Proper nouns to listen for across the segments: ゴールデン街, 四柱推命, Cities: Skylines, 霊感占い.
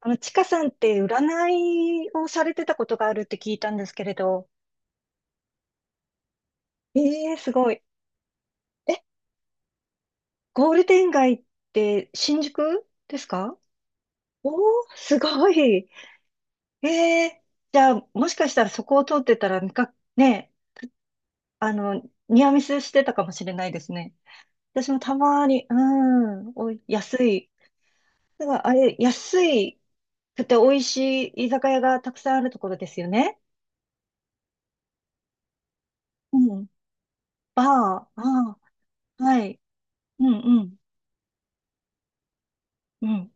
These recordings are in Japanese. あの、ちかさんって占いをされてたことがあるって聞いたんですけれど。ええ、すごい。え、ゴールデン街って新宿ですか？おー、すごい。ええ、じゃあ、もしかしたらそこを通ってたら、みか、ね、あの、ニアミスしてたかもしれないですね。私もたまに、うん、おい、安い。だからあれ、安いくて美味しい居酒屋がたくさんあるところですよね。うん。バー、ああ、はい。うん、うん、うん。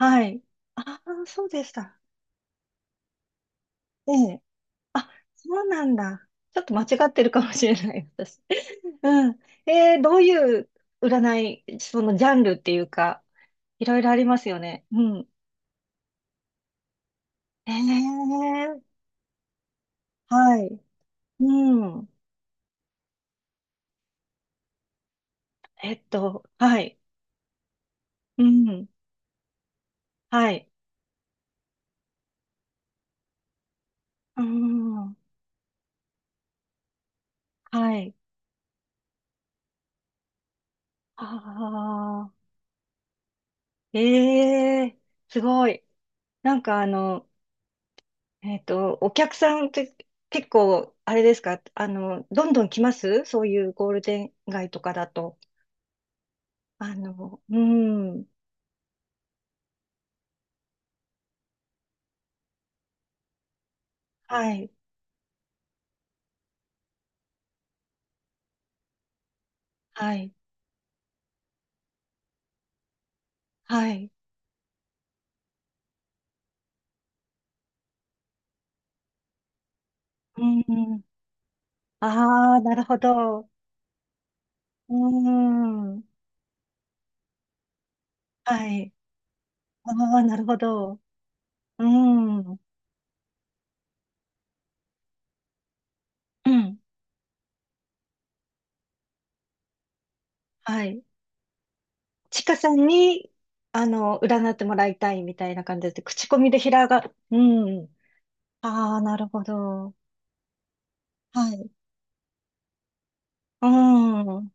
はい。ああ、そうでした。ええ。あ、そうなんだ。ちょっと間違ってるかもしれない、私。うん。えー、どういう占い、そのジャンルっていうか、いろいろありますよね。うん。ええ、はい。うん。はい。うん。はい。うん。はい。ああ、ええ、すごい。なんかあの、お客さんって結構、あれですか、あの、どんどん来ますそういうゴールデン街とかだと。あの、うん、はい、はい、はい、うん、ああ、なるほど、うん、はい、ああ、なるほど、うん、うん、はい。ちかさんに、あの、占ってもらいたいみたいな感じで、口コミで平が、うん、ああ、なるほど、はい、うん、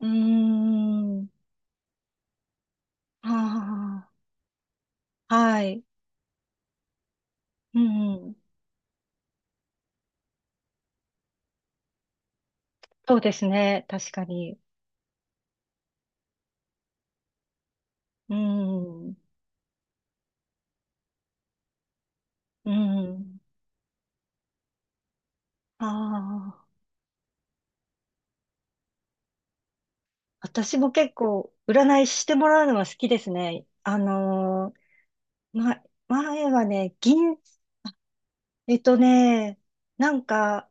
うーん。ああ、はい。うん。そうですね。確かに。うん。うん。ああ、私も結構、占いしてもらうのは好きですね。あのーま、前はね、銀、えっとね、なんか、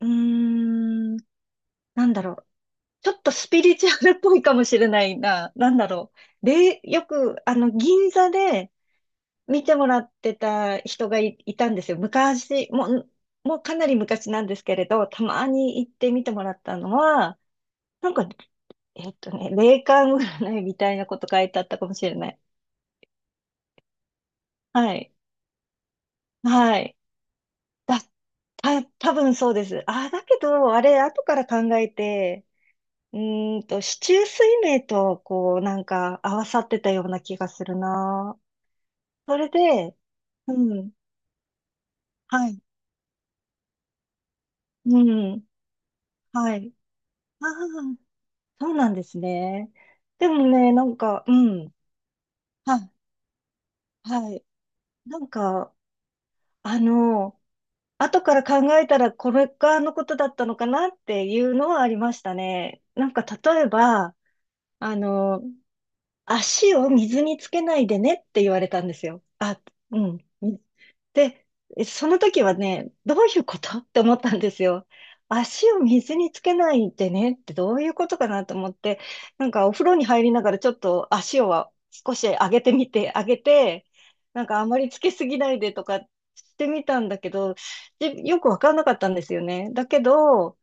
うーん、なんだろう。ちょっとスピリチュアルっぽいかもしれないな。なんだろう。で、よく、あの、銀座で、見てもらってた人がい、いたんですよ。昔、もう、もうかなり昔なんですけれど、たまに行って見てもらったのは、なんか、霊感占いみたいなこと書いてあったかもしれない。はい。はい。だ、た、多分そうです。あ、だけど、あれ、後から考えて、うーんと、四柱推命と、こう、なんか、合わさってたような気がするな。それで、うん。はい。うん。はい。ああ、そうなんですね。でもね、なんか、うん。はい、はい。なんか、あの、後から考えたらこれがあのことだったのかなっていうのはありましたね。なんか、例えば、あの、足を水につけないでねって言われたんですよ。あ、うん。で、その時はね、どういうことって思ったんですよ。足を水につけないでねってどういうことかなと思って、なんかお風呂に入りながらちょっと足を少し上げてみて、上げて、なんかあまりつけすぎないでとかしてみたんだけど、でよくわかんなかったんですよね。だけど、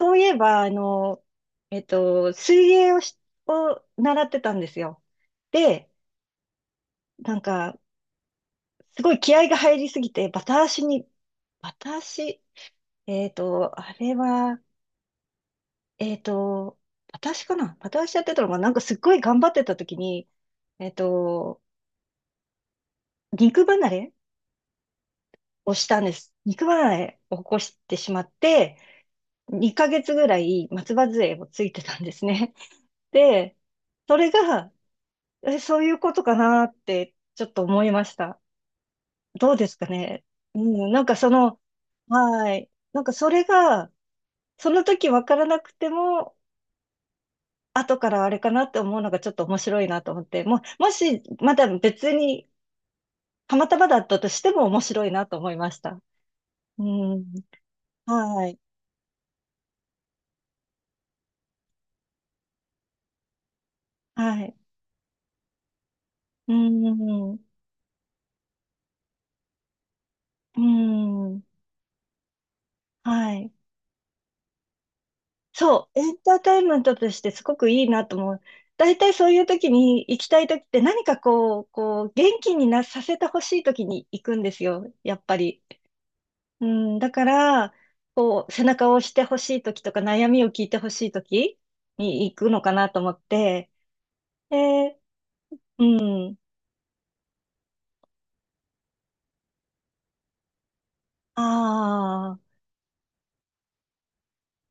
そういえば、あの、水泳をし、を習ってたんですよ。で、なんか、すごい気合が入りすぎて、バタ足に、バタ足、あれは、えっと、バタ足かなバタ足やってたのが、なんかすっごい頑張ってた時に、えっと、肉離れをしたんです。肉離れを起こしてしまって、2ヶ月ぐらい松葉杖をついてたんですね。で、それが、え、そういうことかなって、ちょっと思いました。どうですかね。うん、なんかその、はい。なんかそれが、その時わからなくても、後からあれかなって思うのがちょっと面白いなと思って、もう、もし、まだ別に、たまたまだったとしても面白いなと思いました。うん。はい。はい。うん。うん。はい。そう、エンターテインメントとしてすごくいいなと思う。大体そういう時に行きたい時って何かこう、こう、元気になさせてほしい時に行くんですよ、やっぱり。うん、だから、こう、背中を押してほしい時とか悩みを聞いてほしい時に行くのかなと思って。で、うん、あ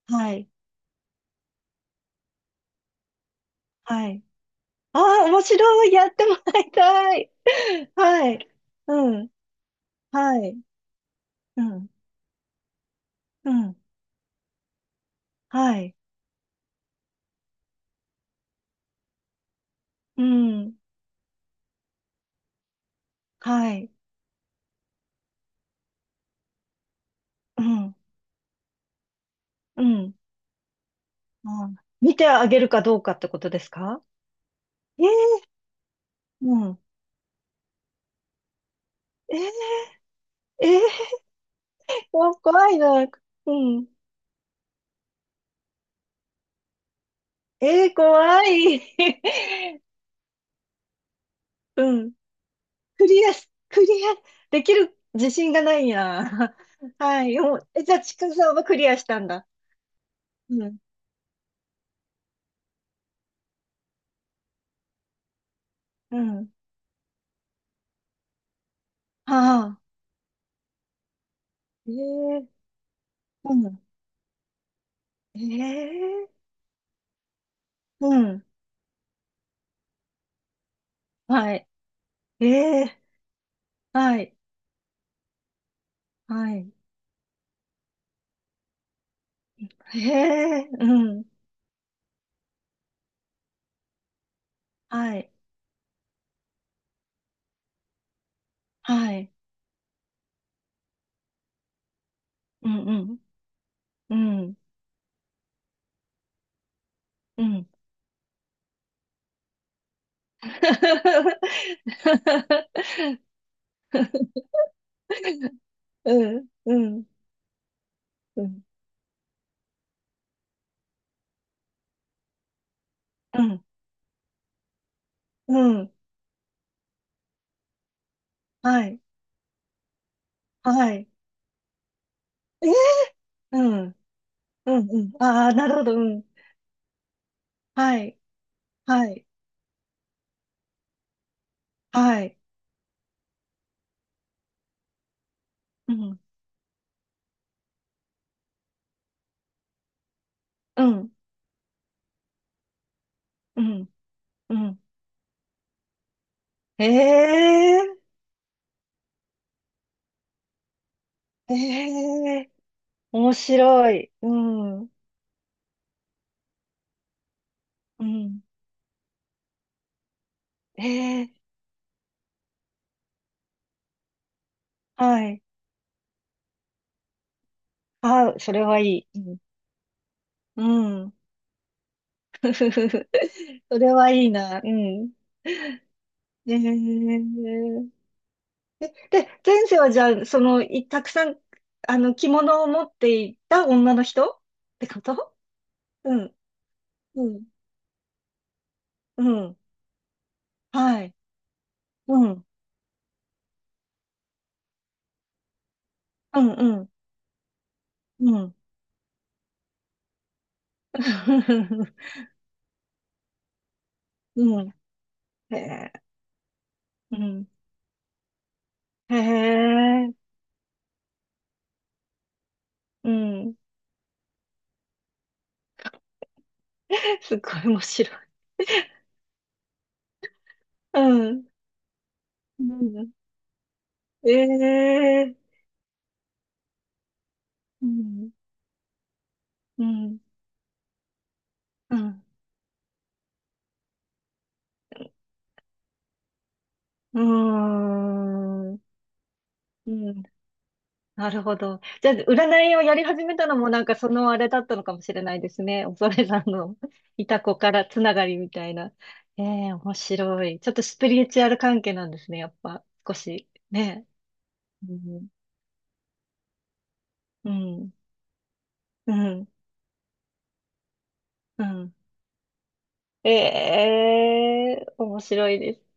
あ、はい、はい。ああ、面白い、やってもらいたい。はい、うん、はい、うん、うん、はい、うん。はい。うん。うん。あ、見てあげるかどうかってことですか？えー、うん。えー、えー、こ怖いな。うん。えー、怖い。うん。クリアし、クリア、できる自信がないや。はい。もうえ、じゃあ、ちくさんはクリアしたんだ。うん。うん。はあ。えー、うん。えー、うん。はい。えー、はい。はい。えー、うん。はい。はい。うんうん。うん。うん。うん。うん。うん。うん。うん。はい。はい。え、うん。うん。うん。ああ、なるほど。うん。はい。はい。はい。うん。うん。うん。うん。ええ、ええ、面白い。うん。うん。ええ、はい。ああ、それはいい。うん。うん。ふふふふ、それはいいな。うん。えー、え、で、前世はじゃあ、その、いたくさん、あの、着物を持っていた女の人ってこと？うん、うん、うん、はい、うん、うん、うん、うん。うん、へえ、うん、へえ、うん。すごい面白い。うん、うん、ええ、うん、うん、うん。うーん。うん。なるほど。じゃあ、占いをやり始めたのもなんかそのあれだったのかもしれないですね。恐れさんの いた子からつながりみたいな。ええ、面白い。ちょっとスピリチュアル関係なんですね、やっぱ。少し。ね。うん。うん。うん。うん。ええ、面白いです。